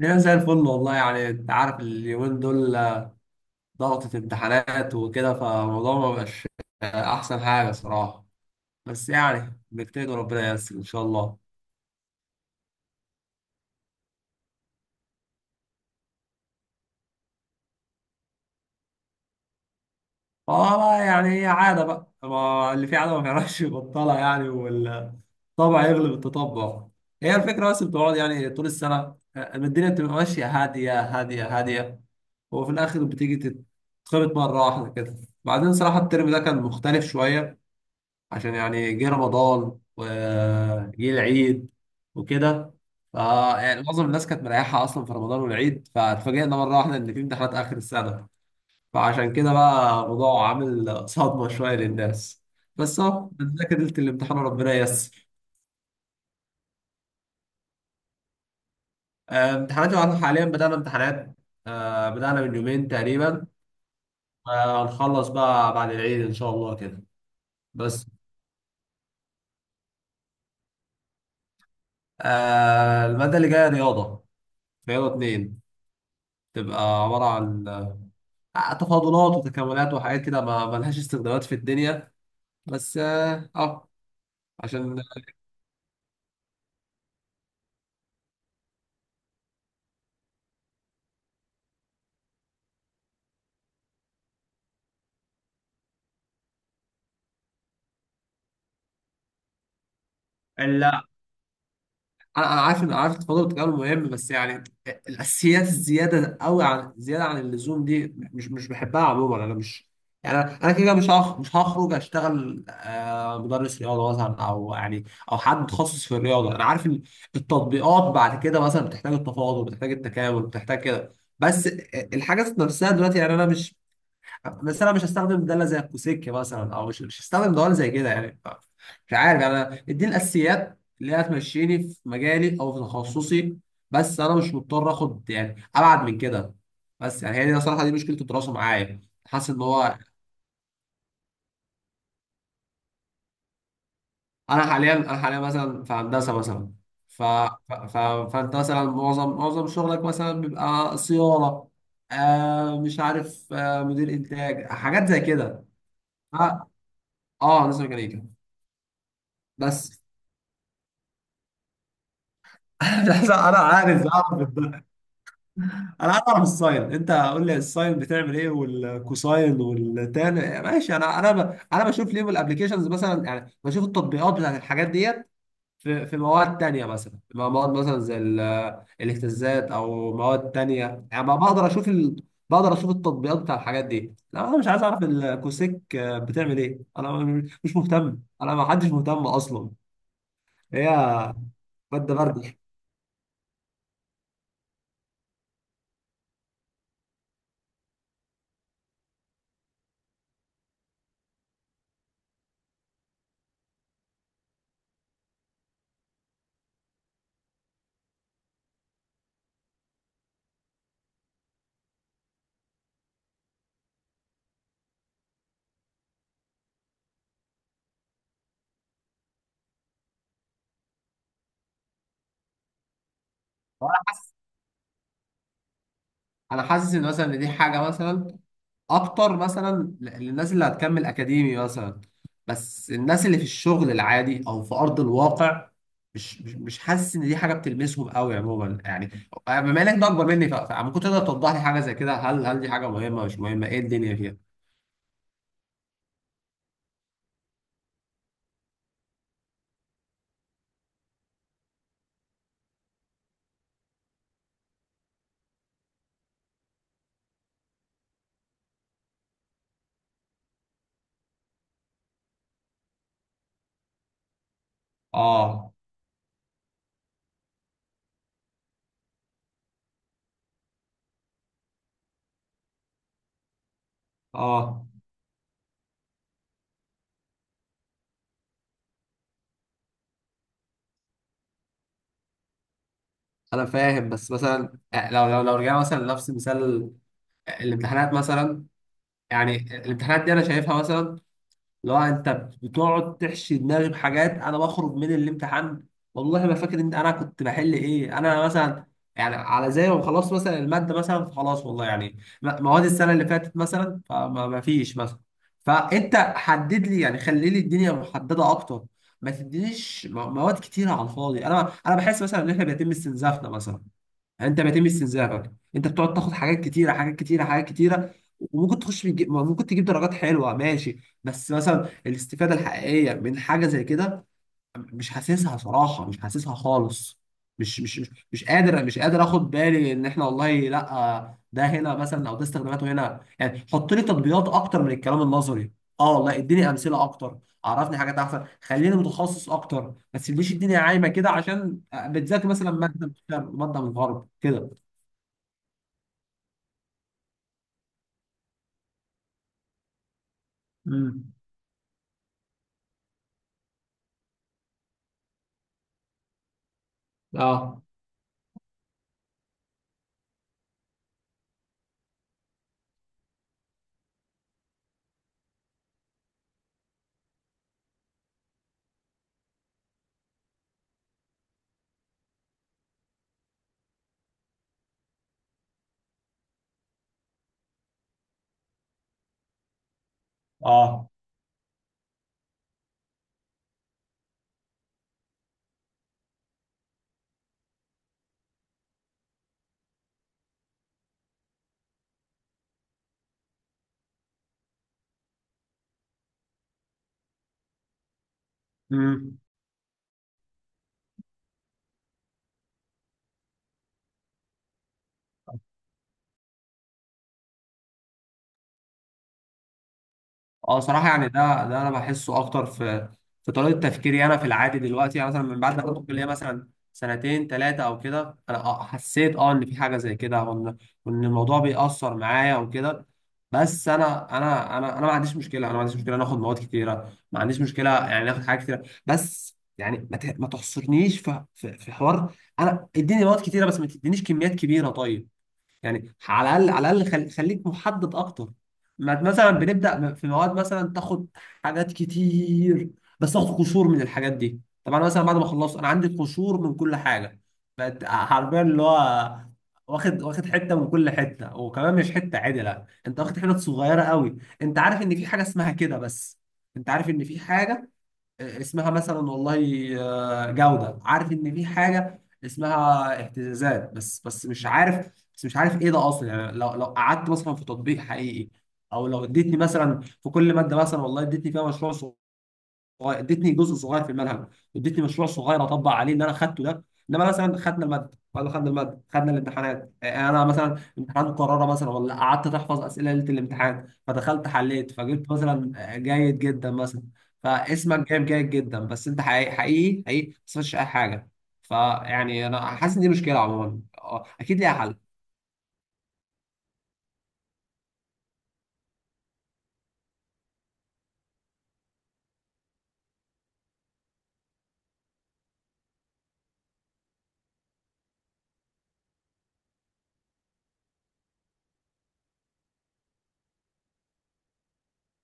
ليه؟ زي الفل والله، يعني انت عارف اليومين دول ضغطة امتحانات وكده، فالموضوع ما بقاش احسن حاجة صراحة. بس يعني بنجتهد وربنا ييسر ان شاء الله. اه، يعني هي عادة بقى، ما اللي فيه عادة ما بيعرفش يبطلها يعني، والطبع يغلب التطبع. هي الفكرة، بس بتقعد يعني طول السنة، الدنيا بتبقى ماشية هادية هادية هادية، وفي الآخر بتيجي تتخبط مرة واحدة كده. بعدين صراحة الترم ده كان مختلف شوية، عشان يعني جه رمضان وجه العيد وكده. فيعني معظم الناس كانت مريحة أصلا في رمضان والعيد، فاتفاجئنا مرة واحدة إن في امتحانات آخر السنة، فعشان كده بقى الموضوع عامل صدمة شوية للناس. بس أهو بنذاكر ليلة الامتحان وربنا ييسر. آه، امتحاناتي، وأنا حاليا بدأنا امتحانات. آه، بدأنا من يومين تقريبا. آه، هنخلص بقى بعد العيد إن شاء الله كده. بس المادة اللي جاية رياضة، رياضة اتنين، تبقى عبارة عن تفاضلات وتكاملات وحاجات كده ما لهاش استخدامات في الدنيا. بس عشان لا، انا عارف ان التفاضل والتكامل مهم، بس يعني الاساسيات الزياده قوي، عن زياده عن اللزوم دي مش بحبها عموما. انا مش، يعني انا كده كده مش هخرج اشتغل مدرس رياضه مثلا، او يعني او حد متخصص في الرياضه. انا عارف ان التطبيقات بعد كده مثلا بتحتاج التفاضل، بتحتاج التكامل، بتحتاج كده. بس الحاجات نفسها دلوقتي، يعني انا مش، بس انا مش هستخدم داله زي الكوسكه مثلا، او مش هستخدم دوال زي كده يعني. مش عارف يعني، انا اديني الاساسيات اللي هتمشيني في مجالي او في تخصصي، بس انا مش مضطر اخد يعني ابعد من كده. بس يعني هي دي صراحه، دي مشكله الدراسه معايا، حاسس ان هو، انا حاليا مثلا في هندسه مثلا. ف... ف... ف... فانت مثلا معظم شغلك مثلا بيبقى صيانه، مش عارف، مدير انتاج، حاجات زي كده. اه، هندسه ميكانيكا. بس. مش عايز. انا عارف اعرف الساين، انت قول لي الساين بتعمل ايه والكوساين والتان، ماشي. انا بشوف ليهم الابلكيشنز مثلا، يعني بشوف التطبيقات بتاعت الحاجات ديت. في مواد تانية، مثلا مواد مثلا زي الاهتزازات، او مواد تانية، يعني بقدر اشوف التطبيقات بتاع الحاجات دي. لا، انا مش عايز اعرف الكوسيك بتعمل ايه، انا مش مهتم. ما حدش مهتم اصلا. هي ماده برد. انا حاسس ان مثلا إن دي حاجه مثلا اكتر مثلا للناس اللي هتكمل اكاديمي مثلا، بس الناس اللي في الشغل العادي او في ارض الواقع، مش حاسس ان دي حاجه بتلمسهم قوي عموما يعني. بما انك ده اكبر مني، فممكن تقدر توضح لي حاجه زي كده، هل دي حاجه مهمه مش مهمه؟ ايه الدنيا فيها؟ اه، اه، انا فاهم. بس مثلا لو رجعنا مثلا لنفس مثال الامتحانات مثلا، يعني الامتحانات دي انا شايفها مثلا، لو انت بتقعد تحشي دماغي بحاجات، انا بخرج من الامتحان والله ما فاكر ان انا كنت بحل ايه، انا مثلا، يعني على زي ما خلاص مثلا الماده مثلا خلاص، والله يعني مواد السنه اللي فاتت مثلا، فما ما فيش مثلا. فانت حدد لي يعني، خلي لي الدنيا محدده اكتر. ما تدينيش مواد كتيره على الفاضي. انا بحس مثلا ان احنا بيتم استنزافنا مثلا، يعني انت بيتم استنزافك، انت بتقعد تاخد حاجات كتيره حاجات كتيره حاجات كتيره. وممكن ممكن تجيب درجات حلوه، ماشي، بس مثلا الاستفاده الحقيقيه من حاجه زي كده، مش حاسسها صراحه، مش حاسسها خالص. مش قادر، مش قادر اخد بالي ان احنا والله لا، ده هنا مثلا او ده استخداماته هنا يعني. حط لي تطبيقات اكتر من الكلام النظري. اه والله، اديني امثله اكتر، عرفني حاجات احسن، خليني متخصص اكتر. ما تسيبليش الدنيا عايمه كده، عشان بتذاكر مثلا ماده من الشرق ماده من الغرب كده. امم. اه. اه. امم. اه، صراحه يعني، ده انا بحسه اكتر في طريقه تفكيري انا في العادي دلوقتي، يعني مثلا من بعد ما كنت الكليه مثلا سنتين ثلاثه او كده، انا حسيت ان في حاجه زي كده، وان الموضوع بيأثر معايا وكده. بس انا ما عنديش مشكله، انا ما عنديش مشكله ناخد مواد كتيره، ما عنديش مشكله يعني ناخد حاجات كتيره، بس يعني ما تحصرنيش في حوار. انا اديني مواد كتيره، بس ما تدينيش كميات كبيره، طيب؟ يعني على الاقل، على الاقل خليك محدد اكتر. مثلا بنبدا في مواد مثلا، تاخد حاجات كتير، بس تاخد قشور من الحاجات دي. طب انا مثلا بعد ما خلصت انا عندي قشور من كل حاجه، بقت حرفيا اللي هو واخد حته من كل حته، وكمان مش حته عدله، انت واخد حتت صغيره قوي. انت عارف ان في حاجه اسمها كده بس، انت عارف ان في حاجه اسمها مثلا والله جودة، عارف ان في حاجة اسمها اهتزازات، بس مش عارف، بس مش عارف ايه ده اصلا. يعني لو قعدت مثلا في تطبيق حقيقي، او لو اديتني مثلا في كل مادة مثلا، والله اديتني فيها مشروع صغير، ادتني جزء صغير في المنهج، ادتني مشروع صغير اطبق عليه اللي انا خدته ده. انما مثلا خدنا الماده، ولا خدنا الماده خدنا الامتحانات، يعني انا مثلا امتحان مكرره مثلا، ولا قعدت تحفظ اسئله ليله الامتحان، فدخلت حليت فجبت مثلا جيد جدا مثلا. فاسمك جايب جيد جدا، بس انت حقيقي حقيقي حقيقي ما استفدتش اي حاجه. فيعني انا حاسس ان دي مشكله عموما، اكيد ليها حل.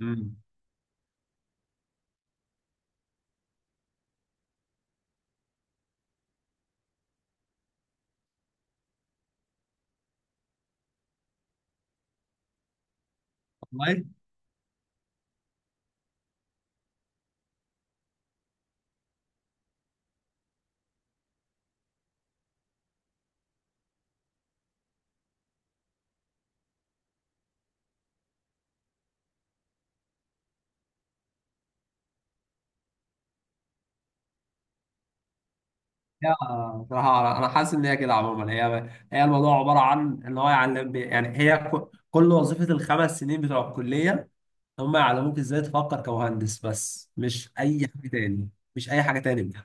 امم. لا، بصراحة أنا حاسس إن هي كده عموما، هي الموضوع عبارة عن إن هو يعلم، يعني هي كل وظيفة الـ 5 سنين بتوع الكلية، هم يعلموك إزاي تفكر كمهندس، بس مش أي حاجة تاني. مش أي حاجة تاني بجد،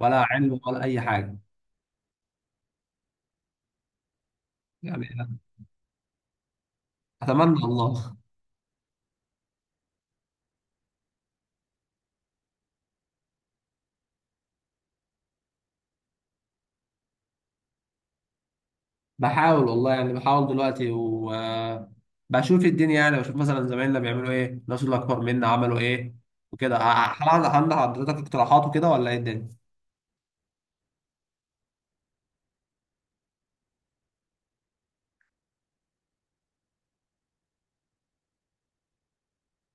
ولا علم ولا أي حاجة. يعني، أتمنى الله. بحاول والله، يعني بحاول دلوقتي وبشوف الدنيا، يعني بشوف مثلا زمايلنا بيعملوا إيه، الناس اللي أكبر منا عملوا إيه وكده. هل عندك حضرتك اقتراحات وكده، ولا إيه الدنيا؟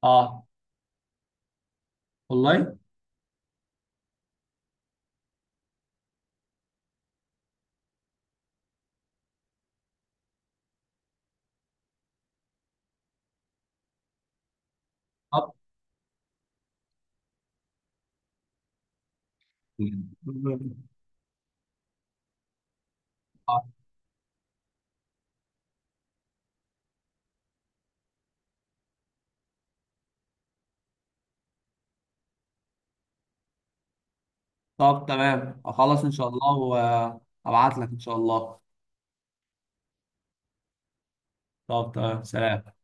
اه والله. طب تمام، اخلص ان شاء الله وابعت لك ان شاء الله. طب تمام، سلام.